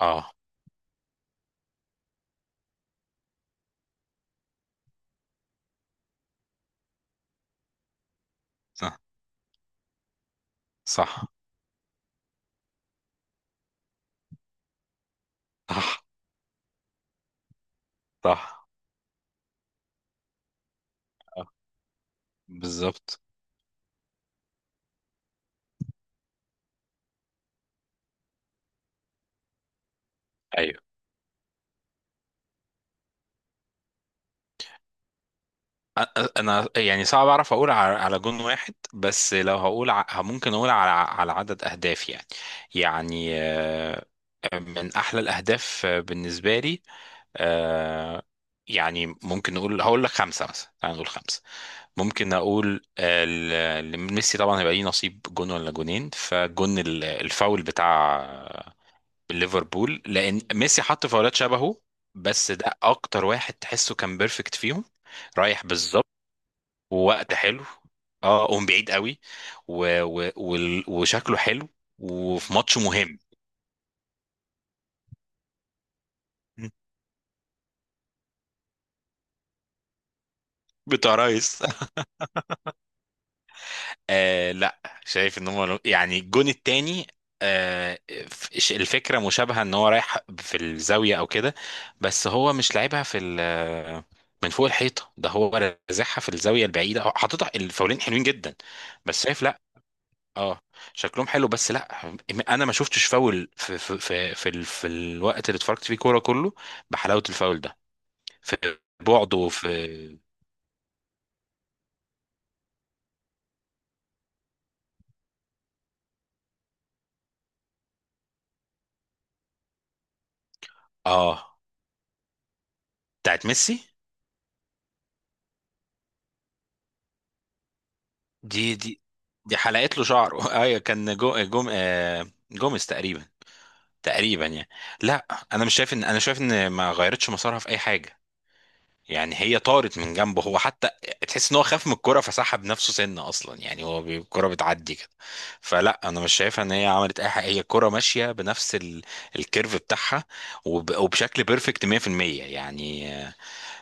اه، صح، صح، صح، صح، آه، بالظبط، ايوه. انا يعني صعب اعرف اقول على على جون واحد، بس لو هقول ممكن اقول على على عدد اهداف يعني. يعني آه، من احلى الاهداف بالنسبه لي. آه، يعني ممكن نقول، هقول لك خمسه مثلا، تعال نقول خمسه. ممكن اقول لميسي طبعا هيبقى ليه نصيب جون ولا جونين. فجون الفاول بتاع ليفربول، لان ميسي حط فاولات شبهه، بس ده اكتر واحد تحسه كان بيرفكت فيهم. رايح بالظبط، ووقت حلو، اه قوم بعيد قوي، وشكله حلو، وفي ماتش مهم. بتاع رايس. آه لا، شايف ان هم يعني الجون التاني. آه، الفكره مشابهه، ان هو رايح في الزاويه او كده، بس هو مش لعبها من فوق الحيطه. ده هو رازعها في الزاويه البعيده، هو حاططها، الفاولين حلوين جدا. بس شايف لا، اه شكلهم حلو بس لا. انا ما شفتش فاول في الوقت اللي اتفرجت فيه كوره كله بحلاوه الفاول ده. في، بعده في اه بتاعت ميسي. دي دي دي حلقت له شعره. ايوه كان جو جوم آه، جوميز تقريبا، تقريبا يعني. لا، انا مش شايف ان انا شايف ان ما غيرتش مسارها في اي حاجه، يعني هي طارت من جنبه هو حتى. تحس ان هو خاف من الكرة فسحب نفسه سنه اصلا، يعني هو الكرة بتعدي كده. فلا انا مش شايفها ان هي عملت اي حاجه، هي الكرة ماشيه بنفس الكيرف بتاعها وبشكل بيرفكت 100%. يعني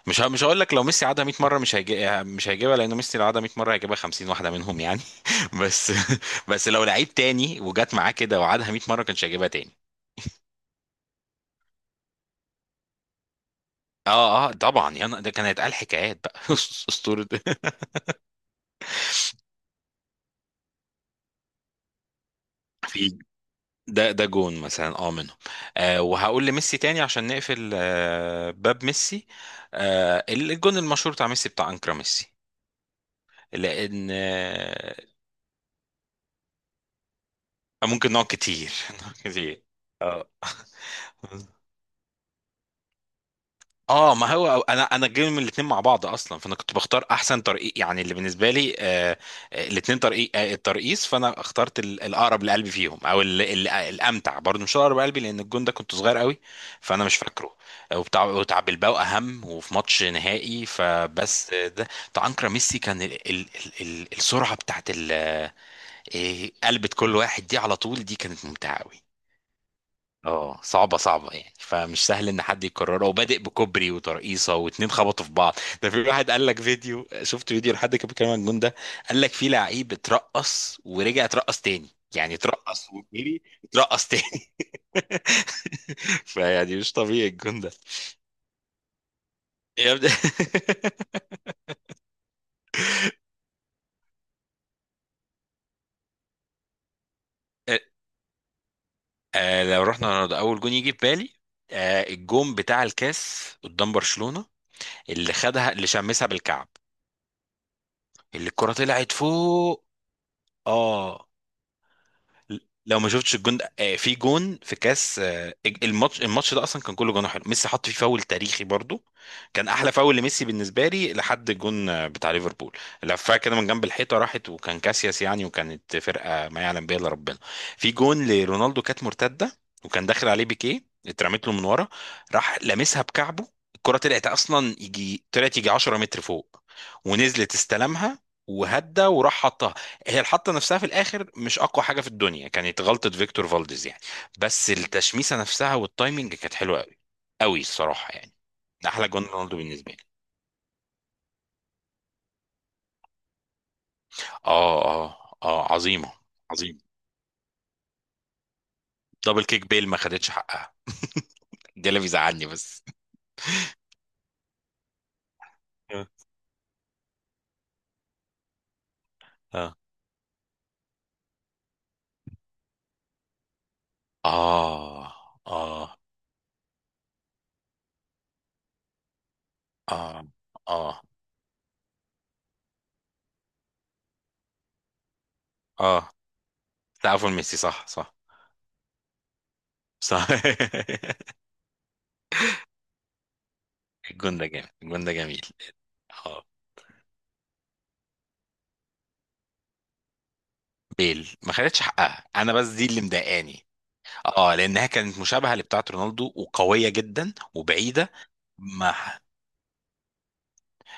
مش هقول لك لو ميسي عادها 100 مره مش هيجيبها، لان ميسي لو عادها 100 مره هيجيبها 50 واحده منهم يعني. بس بس لو لعيب تاني وجات معاه كده وعادها 100 مره كانش هيجيبها تاني. اه اه طبعا، ده كان هيتقال حكايات بقى. اسطوره. في ده جون مثلا اه منهم. آه، وهقول لميسي تاني عشان نقفل باب ميسي. آه، الجون المشهور بتاع ميسي، بتاع انكرا ميسي. لان آه، ممكن نقعد كتير نقعد كتير. اه ما هو انا جاي من الاثنين مع بعض اصلا، فانا كنت بختار احسن طريق يعني اللي بالنسبه لي الاثنين طريق الترقيص. فانا اخترت الاقرب لقلبي فيهم، او الامتع برضه، مش اقرب لقلبي لان الجون ده كنت صغير قوي. فانا مش فاكره. وبتاع، وبتاع بلباو اهم وفي ماتش نهائي. فبس ده بتاع انكر ميسي، كان السرعه بتاعت قلبة كل واحد دي على طول، دي كانت ممتعه قوي. اه صعبة، صعبة يعني، فمش سهل ان حد يكررها، وبادئ بكوبري وترقيصة واتنين خبطوا في بعض. ده في واحد قال لك، فيديو شفت فيديو لحد كان بيتكلم عن الجون ده، قال لك في لعيب اترقص ورجع اترقص تاني، يعني اترقص وجري اترقص تاني. فيعني مش طبيعي الجون ده. يبدأ. آه، لو رحنا رونالدو، اول جون يجي في بالي الجون بتاع الكاس قدام برشلونة، اللي خدها اللي شمسها بالكعب، اللي الكرة طلعت فوق. اه لو ما شفتش الجون ده في جون في كاس الماتش ده اصلا كان كله جون حلو، ميسي حط فيه فاول تاريخي برضو، كان احلى فاول لميسي بالنسبه لي لحد الجون بتاع ليفربول. لفها كده من جنب الحيطه، راحت، وكان كاسياس يعني، وكانت فرقه ما يعلم بها الا ربنا. في جون لرونالدو كانت مرتده، وكان داخل عليه بيكيه، اترمت له من ورا، راح لامسها بكعبه. الكره طلعت اصلا يجي، طلعت يجي 10 متر فوق، ونزلت استلمها، وهدى وراح حطها. هي الحطة نفسها في الآخر مش أقوى حاجة في الدنيا، كانت غلطة فيكتور فالديز يعني، بس التشميسة نفسها والتايمنج كانت حلوة أوي، أوي الصراحة يعني. ده أحلى جون رونالدو بالنسبة لي. آه آه، آه عظيمة، عظيمة. دبل كيك بيل ما خدتش حقها، ده اللي بيزعلني بس. آه. آه، آه، آه، آه، آه، آه، تعرفوا ميسي، صح، صح، صح. الجون ده جامد، الجون ده جميل. آه بيل ما خدتش حقها أنا، بس دي اللي مضايقاني. اه لانها كانت مشابهه لبتاعه رونالدو وقويه جدا وبعيده. ما،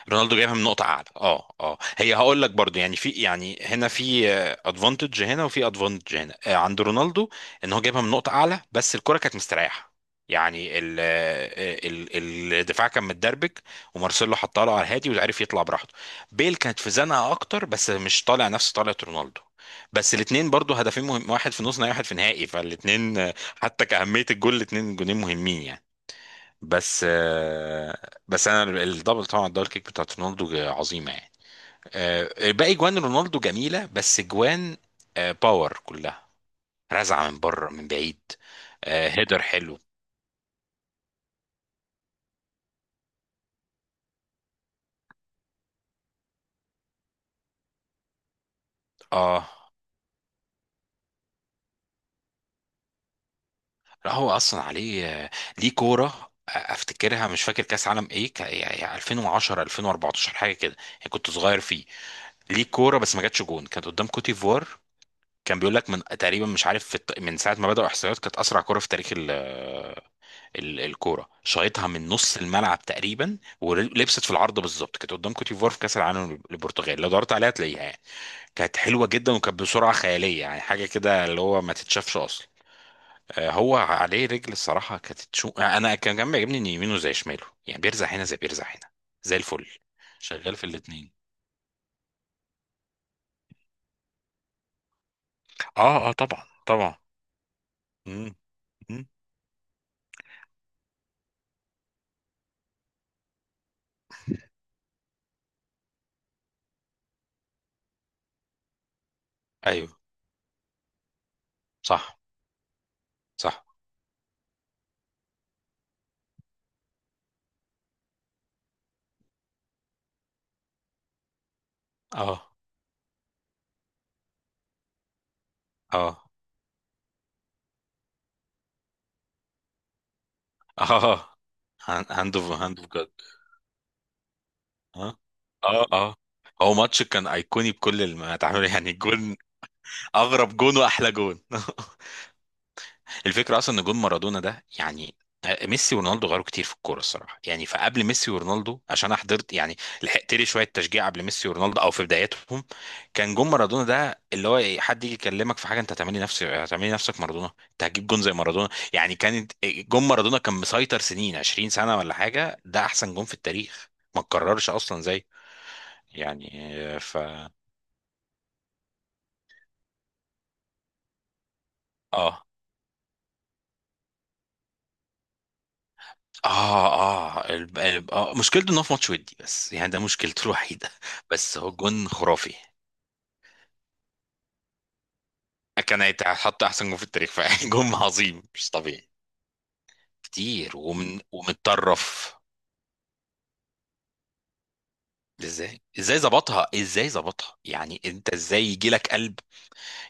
رونالدو جايبها من نقطة أعلى، اه اه، هي هقول لك برضو، يعني في، يعني هنا في ادفانتج، هنا وفي ادفانتج هنا عند رونالدو، ان هو جايبها من نقطة أعلى، بس الكرة كانت مستريحة. يعني ال آه، ال ال- الدفاع كان متدربك، ومارسيلو حطها له على الهادي وعرف يطلع براحته. بيل كانت في زنقة أكتر، بس مش طالع نفس طلعة رونالدو. بس الاثنين برضو هدفين مهم، واحد في نص نهائي واحد في نهائي، فالاثنين حتى كأهمية الجول الاثنين جونين مهمين يعني. بس بس انا الدبل، طبعا الدبل كيك بتاعت رونالدو عظيمه يعني. باقي جوان رونالدو جميله، بس جوان باور كلها، رزعه من بره من بعيد. هيدر حلو. اه لا هو اصلا عليه ليه كوره. افتكرها، مش فاكر كاس عالم ايه، يعني 2010 2014 حاجه كده يعني، كنت صغير فيه. ليه كوره بس ما جاتش جون، كانت قدام كوت ديفوار. كان بيقول لك من تقريبا، مش عارف من ساعه ما بداوا احصائيات كانت اسرع كوره في تاريخ الكوره، شايطها من نص الملعب تقريبا ولبست في العارضه بالظبط، كانت قدام كوت ديفوار في كاس العالم للبرتغال، لو دورت عليها هتلاقيها يعني. كانت حلوه جدا وكانت بسرعه خياليه، يعني حاجه كده اللي هو ما تتشافش اصلا. هو عليه رجل الصراحه، كانت تشو... آه، انا كان بيعجبني ان يمينه زي شماله يعني، بيرزع هنا زي بيرزع هنا، زي الفل شغال في الاثنين. اه اه طبعا، طبعا. مم. مم. ايوه صح صح. اه اه اه. هاند اوف، هاند اوف. اه اه اه. هو ماتش كان ايقوني بكل المتعامل يعني، جون، اغرب جون واحلى جون. الفكره اصلا ان جون مارادونا ده يعني، ميسي ورونالدو غيروا كتير في الكوره الصراحه يعني، فقبل ميسي ورونالدو عشان انا حضرت يعني، لحقت لي شويه تشجيع قبل ميسي ورونالدو او في بداياتهم. كان جون مارادونا ده اللي هو إيه، حد يجي يكلمك في حاجه انت هتعملي نفسك، هتعملي نفسك مارادونا، انت هتجيب جون زي مارادونا يعني. كانت جون مارادونا كان مسيطر سنين، 20 سنه ولا حاجه، ده احسن جون في التاريخ، ما اتكررش اصلا زي. يعني، ف، اه اه اه اه مشكلته ان هو في ماتش ودي بس، يعني ده مشكلته الوحيده، بس هو جون خرافي، كان هيتحط احسن جون في التاريخ فعلا. جون عظيم مش طبيعي، كتير ومن ومتطرف. ازاي ظبطها، ازاي ظبطها يعني، انت ازاي يجي لك قلب.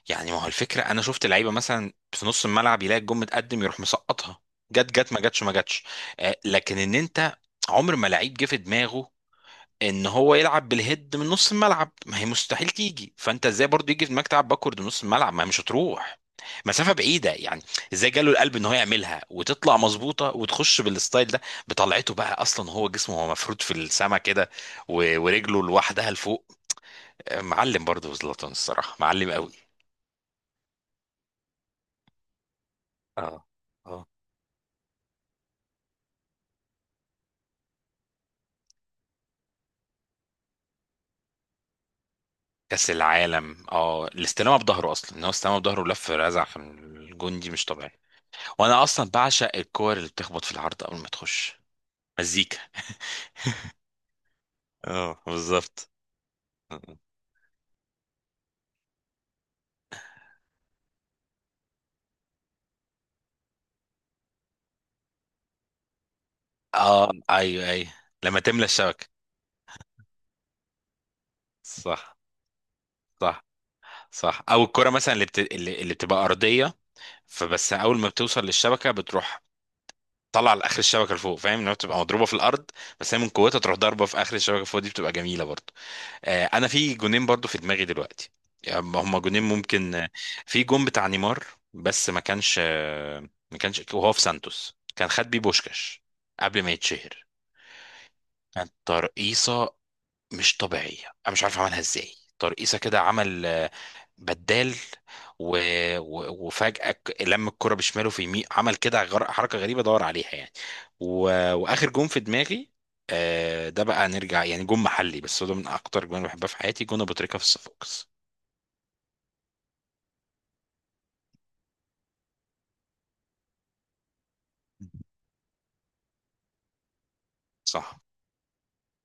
يعني ما هو الفكره، انا شفت لعيبه مثلا في نص الملعب يلاقي الجون متقدم يروح مسقطها، جت ما جتش. آه لكن ان انت، عمر ما لعيب جه في دماغه ان هو يلعب بالهيد من نص الملعب، ما هي مستحيل تيجي. فانت ازاي برضو يجي في دماغك تلعب باكورد من نص الملعب، ما هي مش هتروح مسافه بعيده يعني. ازاي جاله القلب ان هو يعملها وتطلع مظبوطه وتخش بالستايل ده. بطلعته بقى، اصلا هو جسمه هو مفروض في السما كده، و- ورجله لوحدها لفوق، معلم برضو زلاتان الصراحه، معلم قوي. اه اه. كاس العالم، اه الاستلامه بظهره، اصلا ان هو استلامه بظهره ولف رزع في الجون، دي مش طبيعي. وانا اصلا بعشق الكور اللي بتخبط في العرض قبل ما تخش، مزيكا. اه بالظبط. اه ايوه، ايوه. لما تملى الشبكه. صح، صح، صح. او الكره مثلا اللي بت... اللي اللي بتبقى ارضيه، فبس اول ما بتوصل للشبكه بتروح طالعه لاخر الشبكه لفوق. فاهم انها بتبقى مضروبه في الارض، بس هي من قوتها تروح ضاربه في اخر الشبكه فوق، دي بتبقى جميله برضو. آه انا في جونين برضو في دماغي دلوقتي، يعني هما جونين ممكن. في جون بتاع نيمار، بس ما كانش ما كانش، وهو في سانتوس كان خد بيه بوشكاش، قبل ما يتشهر. كانت ترقيصه مش طبيعية، أنا مش عارف عملها إزاي، ترقيصة كده، عمل بدال، و... وفجأة لم الكرة بشماله في يمين، عمل كده حركة غريبة دور عليها يعني. و... وآخر جون في دماغي ده بقى نرجع يعني جون محلي، بس هو ده من أكتر جون بحبها في حياتي، جون أبو تريكة في الصفاقس. صح.